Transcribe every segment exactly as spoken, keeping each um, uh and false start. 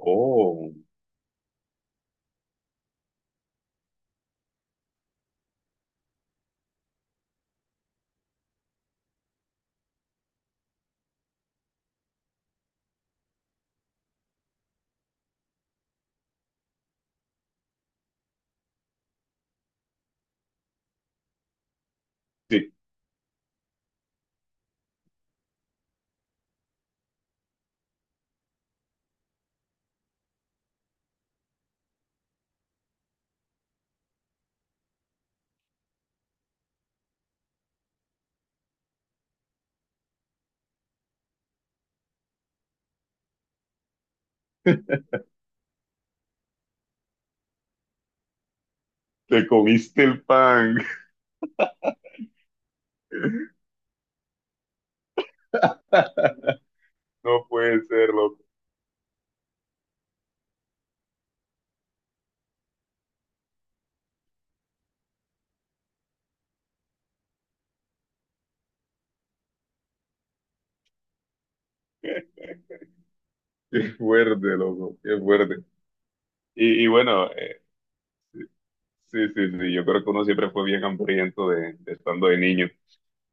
Oh, sí, te comiste el pan. No puede ser, loco. Qué fuerte, loco. Qué fuerte. Y, y bueno, eh, sí, sí, sí. Yo creo que uno siempre fue bien hambriento de, de estando de niño.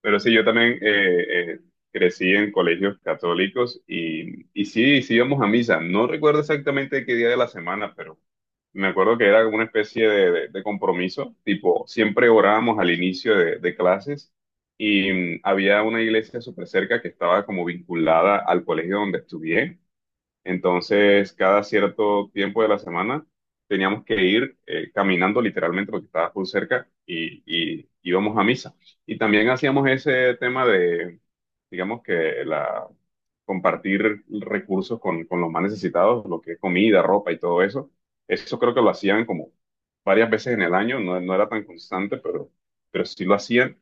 Pero sí, yo también eh, eh, crecí en colegios católicos y, y sí, sí íbamos a misa. No recuerdo exactamente qué día de la semana, pero me acuerdo que era como una especie de, de- de compromiso, tipo, siempre orábamos al inicio de, de clases y mm, había una iglesia súper cerca que estaba como vinculada al colegio donde estudié. Entonces, cada cierto tiempo de la semana teníamos que ir eh, caminando literalmente porque estaba por cerca y, y íbamos a misa. Y también hacíamos ese tema de, digamos que la, compartir recursos con, con los más necesitados, lo que es comida, ropa y todo eso. Eso creo que lo hacían como varias veces en el año, no, no era tan constante, pero, pero sí lo hacían.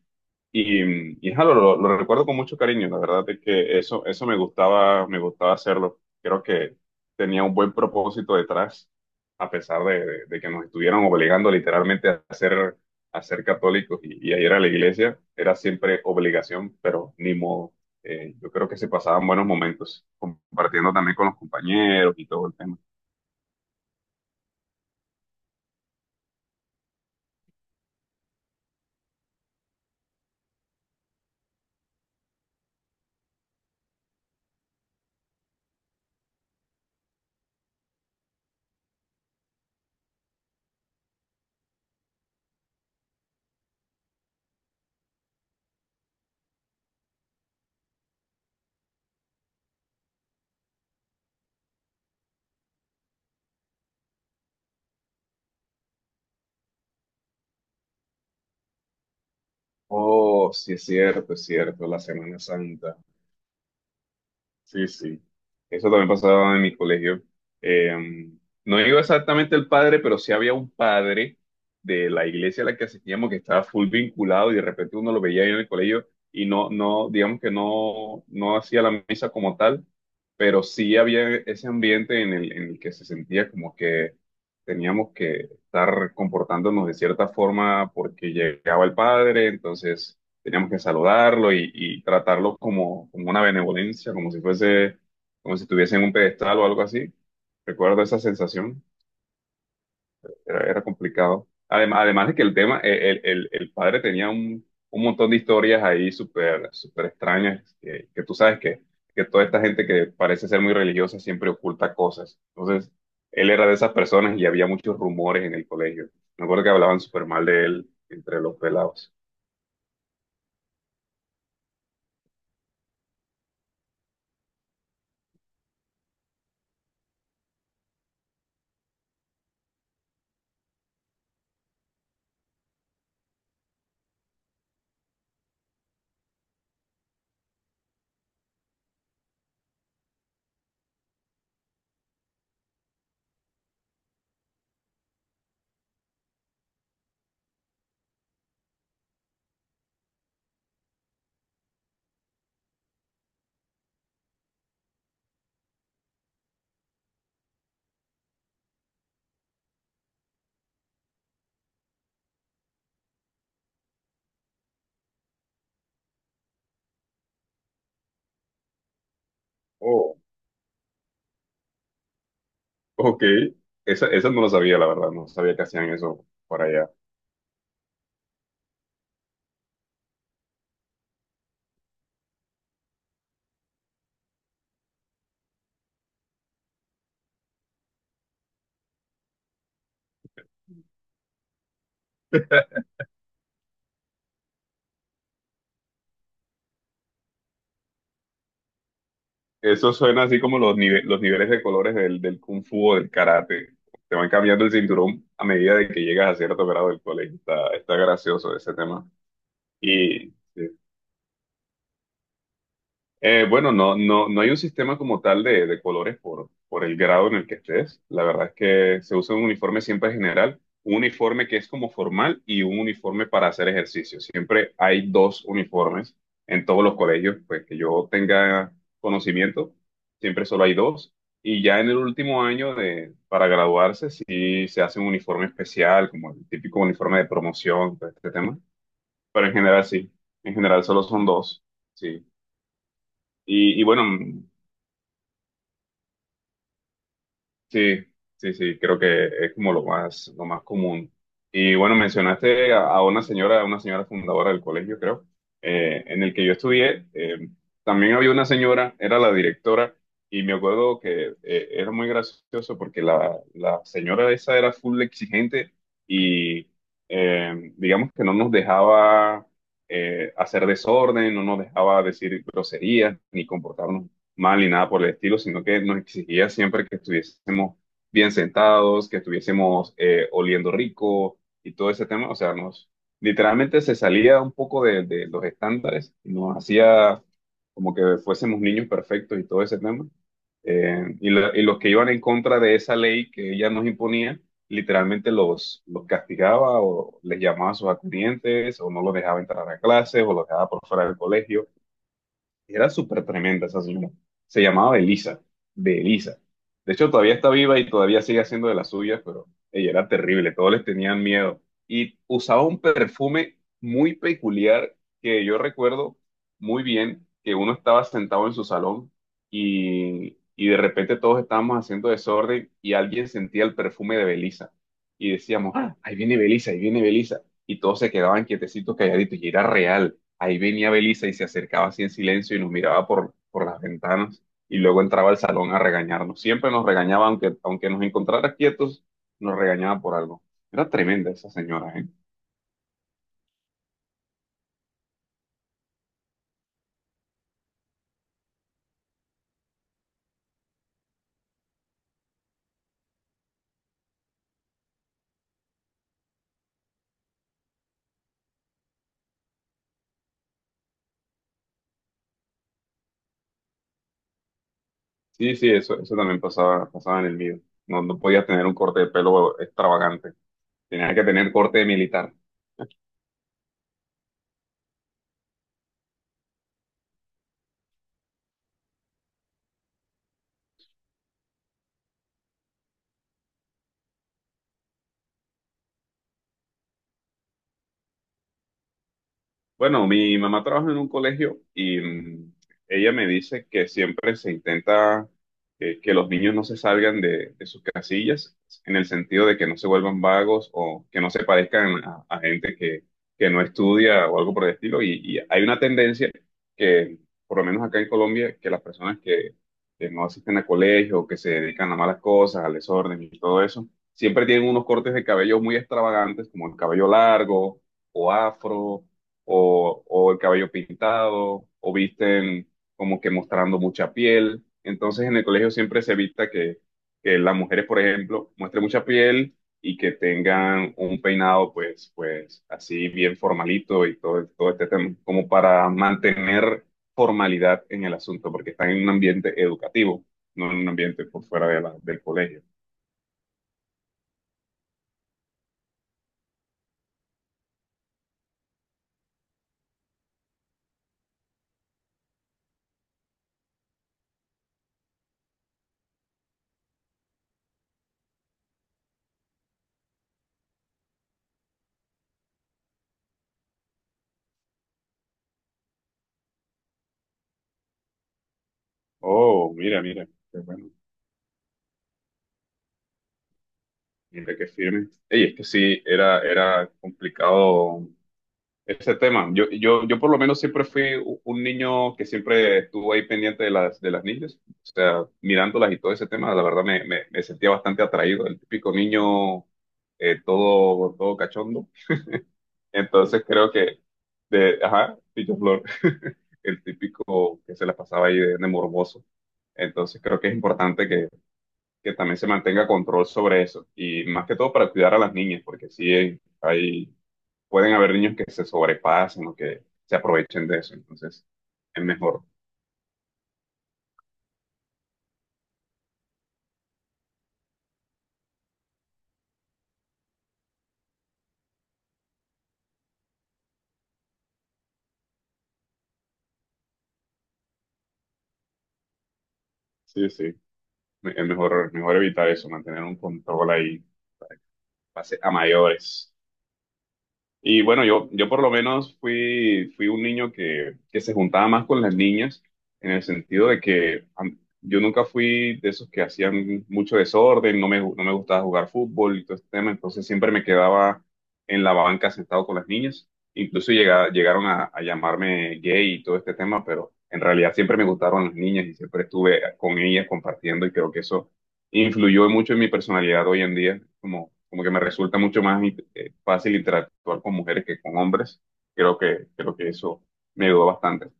Y, y jalo, lo, lo recuerdo con mucho cariño, la verdad es que eso, eso me gustaba, me gustaba hacerlo. Creo que tenía un buen propósito detrás, a pesar de, de- de que nos estuvieran obligando literalmente a ser, a ser católicos y, y a ir a la iglesia, era siempre obligación, pero ni modo. Eh, yo creo que se pasaban buenos momentos, compartiendo también con los compañeros y todo el tema. Oh, sí es cierto, es cierto, la Semana Santa. Sí, sí. Eso también pasaba en mi colegio. Eh, no digo exactamente el padre, pero sí había un padre de la iglesia a la que asistíamos que estaba full vinculado y de repente uno lo veía ahí en el colegio y no, no, digamos que no, no hacía la misa como tal, pero sí había ese ambiente en el, en el que se sentía como que teníamos que estar comportándonos de cierta forma porque llegaba el padre, entonces teníamos que saludarlo y, y tratarlo como, como una benevolencia, como si fuese, como si estuviese en un pedestal o algo así. Recuerdo esa sensación, era, era complicado. Además, además de que el tema, eh, el, el, el padre tenía un, un montón de historias ahí súper, súper extrañas, que, que tú sabes que, que toda esta gente que parece ser muy religiosa siempre oculta cosas. Entonces, él era de esas personas y había muchos rumores en el colegio. Me acuerdo que hablaban súper mal de él entre los pelados. Ok, esa, esa no lo sabía, la verdad, no sabía que hacían eso por allá. Eso suena así como los, nive- los niveles de colores del, del kung fu o del karate. Te van cambiando el cinturón a medida de que llegas a cierto grado del colegio. Está, está gracioso ese tema. Y sí, Eh, bueno, no, no, no hay un sistema como tal de, de colores por, por el grado en el que estés. La verdad es que se usa un uniforme siempre general, un uniforme que es como formal y un uniforme para hacer ejercicio. Siempre hay dos uniformes en todos los colegios, pues que yo tenga conocimiento, siempre solo hay dos. Y ya en el último año de, para graduarse, sí se hace un uniforme especial, como el típico uniforme de promoción, todo este tema. Pero en general sí, en general solo son dos, sí. Y, y bueno. Sí, sí, sí, creo que es como lo más, lo más común. Y bueno, mencionaste a, a una señora, a una señora fundadora del colegio, creo, eh, en el que yo estudié. Eh, también había una señora, era la directora, y me acuerdo que eh, era muy gracioso porque la, la señora esa era full exigente y eh, digamos que no nos dejaba eh, hacer desorden, no nos dejaba decir groserías ni comportarnos mal ni nada por el estilo, sino que nos exigía siempre que estuviésemos bien sentados, que estuviésemos eh, oliendo rico y todo ese tema. O sea, nos literalmente se salía un poco de, de los estándares y nos hacía como que fuésemos niños perfectos y todo ese tema. Eh, y, lo- y los que iban en contra de esa ley que ella nos imponía, literalmente los, los castigaba o les llamaba a sus acudientes o no los dejaba entrar a clases o los dejaba por fuera del colegio. Era súper tremenda esa señora. Se llamaba Elisa, de Elisa. De hecho, todavía está viva y todavía sigue haciendo de las suyas, pero ella era terrible, todos les tenían miedo. Y usaba un perfume muy peculiar que yo recuerdo muy bien, que uno estaba sentado en su salón y, y de repente todos estábamos haciendo desorden y alguien sentía el perfume de Belisa. Y decíamos, "Ah, ahí viene Belisa, ahí viene Belisa." Y todos se quedaban quietecitos, calladitos, y era real. Ahí venía Belisa y se acercaba así en silencio y nos miraba por, por las ventanas y luego entraba al salón a regañarnos. Siempre nos regañaba, aunque, aunque nos encontrara quietos, nos regañaba por algo. Era tremenda esa señora, ¿eh? Sí, sí, eso, eso también pasaba, pasaba en el mío. No, no podías tener un corte de pelo extravagante. Tenía que tener corte de militar. Bueno, mi mamá trabaja en un colegio y mm, ella me dice que siempre se intenta eh, que los niños no se salgan de, de sus casillas, en el sentido de que no se vuelvan vagos o que no se parezcan a, a gente que, que no estudia o algo por el estilo. Y, y hay una tendencia que, por lo menos acá en Colombia, que las personas que, que no asisten a colegio, que se dedican a malas cosas, al desorden y todo eso, siempre tienen unos cortes de cabello muy extravagantes, como el cabello largo o afro o, o el cabello pintado, o visten como que mostrando mucha piel. Entonces en el colegio siempre se evita que, que las mujeres, por ejemplo, muestren mucha piel y que tengan un peinado pues, pues así bien formalito y todo, todo este tema, como para mantener formalidad en el asunto, porque están en un ambiente educativo, no en un ambiente por fuera de la- del colegio. Oh, mira, mira, qué bueno. Mira qué firme. Ey, es que sí, era, era complicado ese tema. Yo, yo, yo por lo menos siempre fui u- un niño que siempre estuvo ahí pendiente de las, de las niñas, o sea, mirándolas y todo ese tema, la verdad me, me, me sentía bastante atraído, el típico niño eh, todo, todo cachondo. Entonces creo que, de, ajá, Pillo Flor, el típico que se la pasaba ahí de, de morboso. Entonces creo que es importante que, que también se mantenga control sobre eso, y más que todo para cuidar a las niñas, porque sí, hay pueden haber niños que se sobrepasen o que se aprovechen de eso. Entonces, es mejor, sí, sí, es mejor, mejor evitar eso, mantener un control ahí, pase a mayores. Y bueno, yo, yo por lo menos fui, fui un niño que, que se juntaba más con las niñas, en el sentido de que am- yo nunca fui de esos que hacían mucho desorden, no me, gu- no me gustaba jugar fútbol y todo este tema, entonces siempre me quedaba en la banca sentado con las niñas. Incluso llega- llegaron a, a llamarme gay y todo este tema, pero en realidad siempre me gustaron las niñas y siempre estuve con ellas compartiendo y creo que eso influyó mucho en mi personalidad hoy en día, como, como que me resulta mucho más eh, fácil interactuar con mujeres que con hombres. Creo que, creo que eso me ayudó bastante.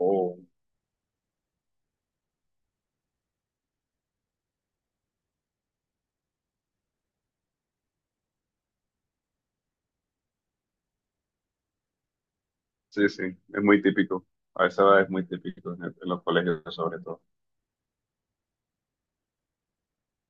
Oh, sí, sí, es muy típico. A esa edad es muy típico en, el- en los colegios sobre todo.